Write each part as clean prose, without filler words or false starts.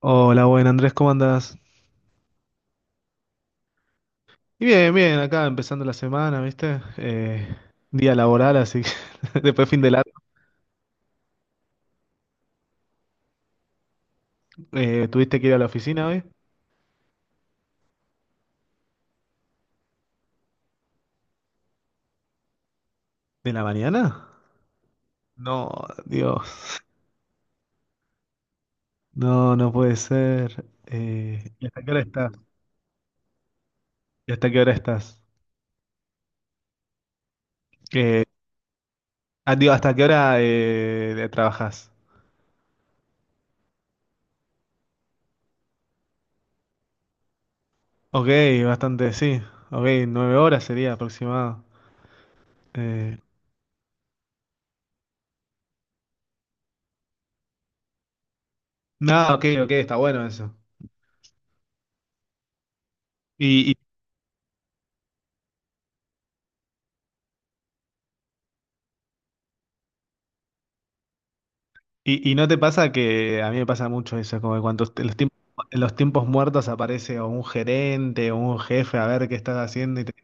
Hola, buen Andrés, ¿cómo andás? Y bien, bien, acá empezando la semana, ¿viste? Día laboral, así que después fin de largo. ¿Tuviste que ir a la oficina hoy? ¿De la mañana? No, Dios, no, no puede ser. ¿Y hasta qué hora estás? ¿Y hasta qué hora estás? Eh, ah, digo, ¿hasta qué hora trabajas? Ok, bastante, sí. Ok, nueve horas sería aproximado. Eh, no, ok, ok, está bueno eso. ¿Y, y no te pasa que a mí me pasa mucho eso, como que cuando en los tiempos muertos aparece o un gerente o un jefe a ver qué estás haciendo y,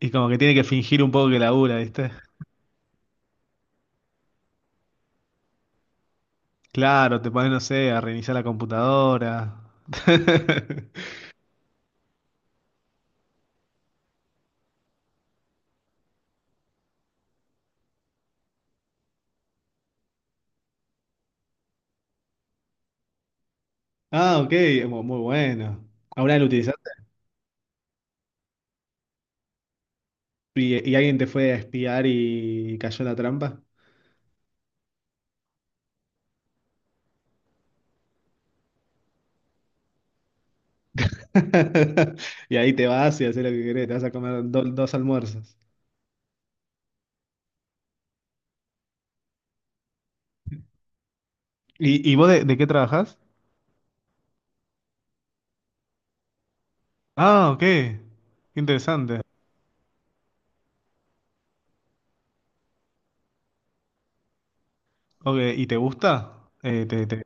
y como que tiene que fingir un poco que labura, ¿viste? Claro, te pones, no sé, a reiniciar la computadora. Ah, ok, muy bueno. ¿Ahora lo utilizaste? Y alguien te fue a espiar y cayó en la trampa? Y ahí te vas y haces lo que querés, te vas a comer dos almuerzos. Y vos de qué trabajás? Ah, ok, qué interesante. Ok, ¿y te gusta?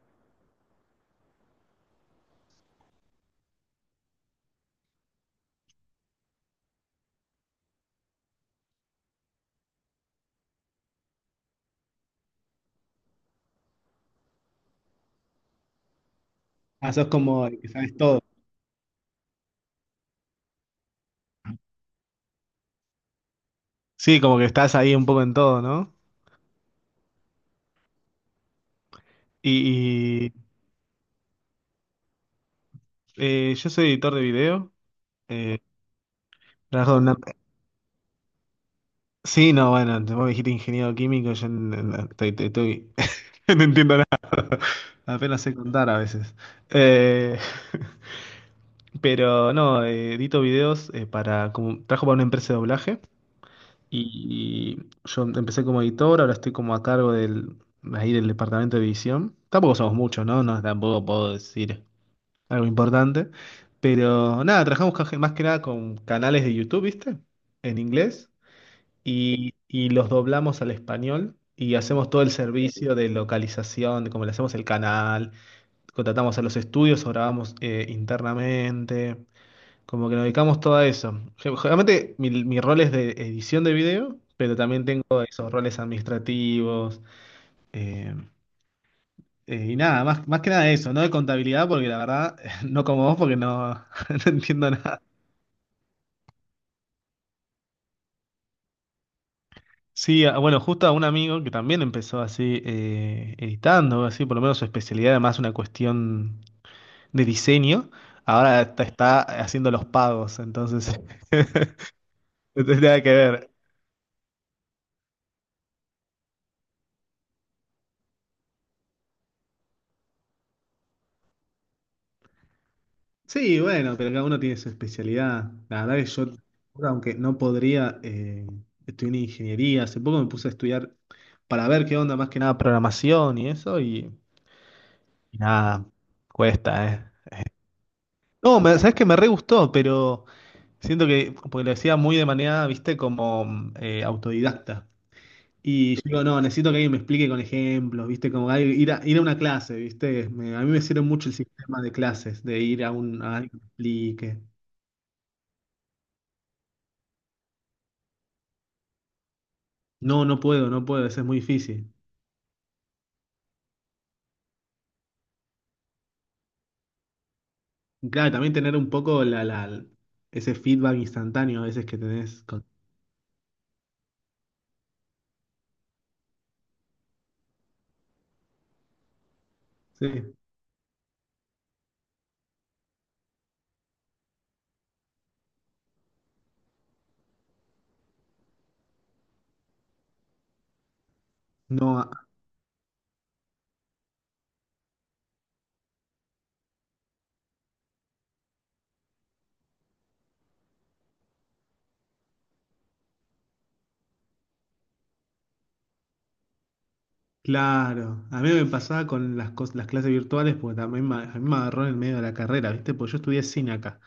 Ah, sos como el que sabes todo. Sí, como que estás ahí un poco en todo, ¿no? Y, y, yo soy editor de video. eh, trabajo en una- Sí, no, bueno, vos me dijiste ingeniero químico, yo n- n- estoy- estoy- estoy- no entiendo nada, apenas sé contar a veces. Eh, pero no, edito videos para, como, trabajo para una empresa de doblaje. Y yo empecé como editor, ahora estoy como a cargo del, ahí del departamento de edición. Tampoco somos muchos, ¿no? No, tampoco puedo decir algo importante. Pero nada, trabajamos más que nada con canales de YouTube, ¿viste? En inglés. Y los doblamos al español y hacemos todo el servicio de localización, de cómo le hacemos el canal, contratamos a los estudios o grabamos internamente. Como que nos dedicamos todo a eso. Generalmente mi rol es de edición de video, pero también tengo esos roles administrativos. eh, y nada, más, más que nada eso, no de contabilidad, porque la verdad, no como vos, porque no, no entiendo nada. Sí, ah, bueno, justo a un amigo que también empezó así editando, así por lo menos su especialidad, además una cuestión de diseño, ahora está, está haciendo los pagos, entonces no tiene nada que ver. Sí, bueno, pero cada uno tiene su especialidad. La verdad que yo, aunque no podría, estudié en ingeniería. Hace poco me puse a estudiar para ver qué onda, más que nada programación y eso, y nada, cuesta, ¿eh? No, me, sabes que me re gustó, pero siento que, porque lo hacía muy de manera, viste, como autodidacta. Y yo digo, no, necesito que alguien me explique con ejemplos, viste, como ir a una clase, viste. A mí me sirve mucho el sistema de clases, de ir a, un, a alguien que me explique. No, no puedo, no puedo, eso es muy difícil. Y Claro, también tener un poco ese feedback instantáneo a veces que tenés con... Sí. No, a- claro. A mí me pasaba con las, las clases virtuales porque también me, a mí me agarró en el medio de la carrera, ¿viste? Porque yo estudié cine acá.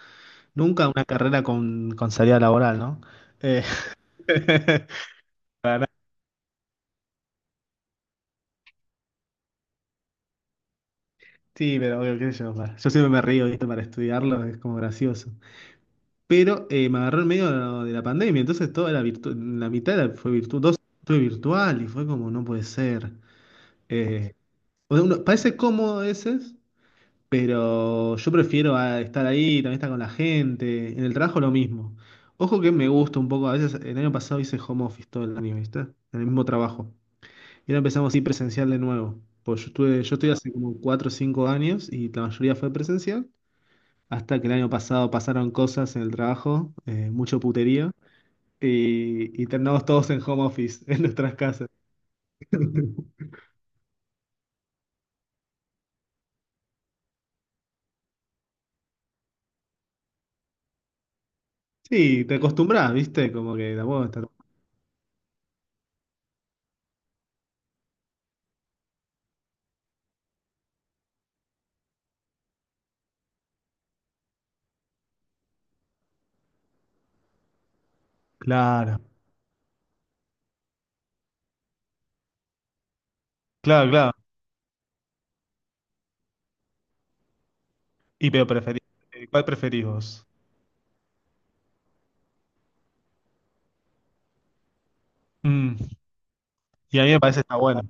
Nunca una carrera con salida laboral, ¿no? Eh, Sí, pero bueno, qué sé yo, yo siempre me río, ¿viste? Para estudiarlo es como gracioso. Pero me agarró en medio de la pandemia, entonces toda fue virtual, dos fue virtual y fue como, no puede ser. Eh, o sea, parece cómodo a veces, pero yo prefiero a estar ahí, también estar con la gente, en el trabajo lo mismo. Ojo que me gusta un poco, a veces el año pasado hice home office todo el año, ¿viste? En el mismo trabajo. Y ahora empezamos así presencial de nuevo. Pues yo estuve, yo estoy hace como 4 o 5 años y la mayoría fue presencial. Hasta que el año pasado pasaron cosas en el trabajo, mucho putería y terminamos todos en home office, en nuestras casas. Sí, te acostumbras, ¿viste? Como que tampoco está tan- Claro, claro, claro. Y pero preferís, ¿Cuál preferís vos? Mm, y a mí me parece que está bueno.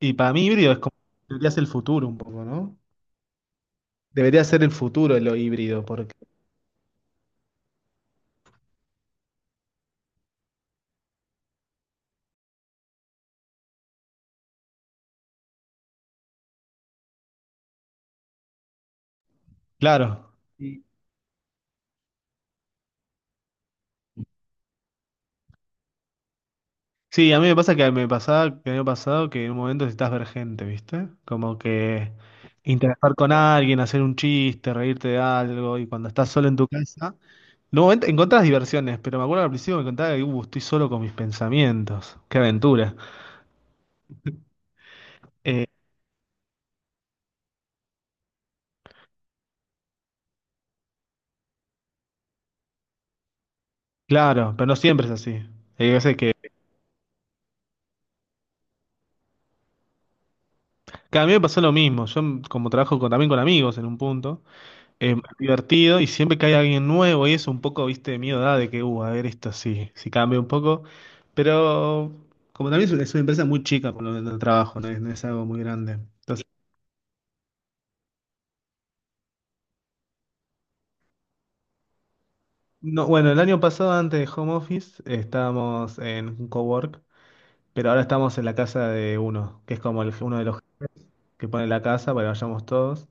Y para mí híbrido es como debería ser el futuro un poco, ¿no? Debería ser el futuro lo híbrido, porque claro, sí, a mí me pasa que me pasaba, que me ha pasado que en un momento necesitas ver gente, ¿viste? Como que interactuar con alguien, hacer un chiste, reírte de algo, y cuando estás solo en tu casa, en un momento encontrás diversiones, pero me acuerdo que al principio me contaba que estoy solo con mis pensamientos, qué aventura. Eh, claro, pero no siempre es así. Hay veces que a mí me pasó lo mismo, yo como trabajo también con amigos en un punto. Divertido y siempre que hay alguien nuevo y eso un poco, viste, de miedo da de que, a ver esto sí, si cambia un poco, pero como también es una empresa muy chica por lo menos el trabajo, no es, no es algo muy grande. Entonces, no, bueno, el año pasado antes de home office estábamos en un cowork, pero ahora estamos en la casa de uno, que es como uno de los que pone la casa para que vayamos todos.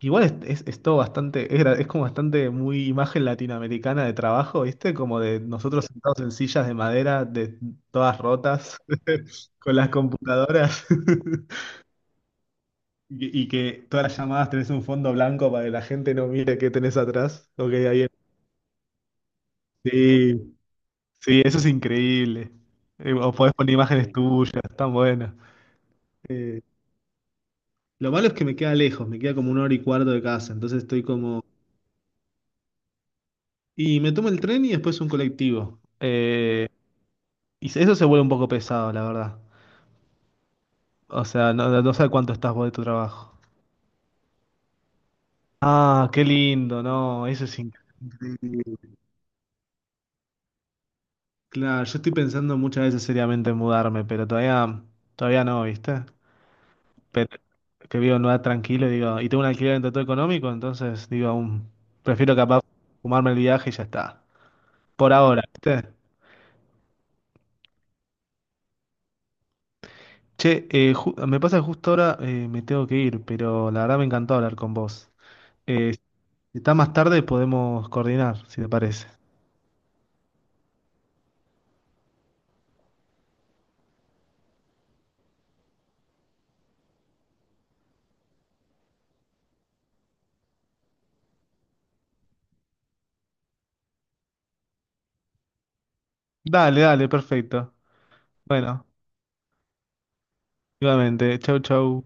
Igual es todo bastante, es como bastante muy imagen latinoamericana de trabajo, ¿viste? Como de nosotros sentados en sillas de madera, de todas rotas, con las computadoras, y que todas las llamadas tenés un fondo blanco para que la gente no mire qué tenés atrás, lo que hay ahí. Sí, sí, eso es increíble. O podés poner imágenes Sí. tuyas, tan buenas. Eh, lo malo es que me queda lejos, me queda como una hora y cuarto de casa, entonces estoy como... Y me tomo el tren y después un colectivo. Y eso se vuelve un poco pesado, la verdad. O sea, no, no sabes cuánto estás vos de tu trabajo. Ah, qué lindo, no, eso es increíble. Claro, yo estoy pensando muchas veces seriamente en mudarme, pero todavía, todavía no, ¿viste? Pero que vivo en un lugar tranquilo, digo, y tengo un alquiler en todo económico, entonces digo, aún prefiero capaz fumarme el viaje y ya está. Por ahora, ¿viste? Che, me pasa que justo ahora me tengo que ir, pero la verdad me encantó hablar con vos. Eh, si está más tarde podemos coordinar, si te parece. Dale, dale, perfecto. Bueno, igualmente. Chau, chau.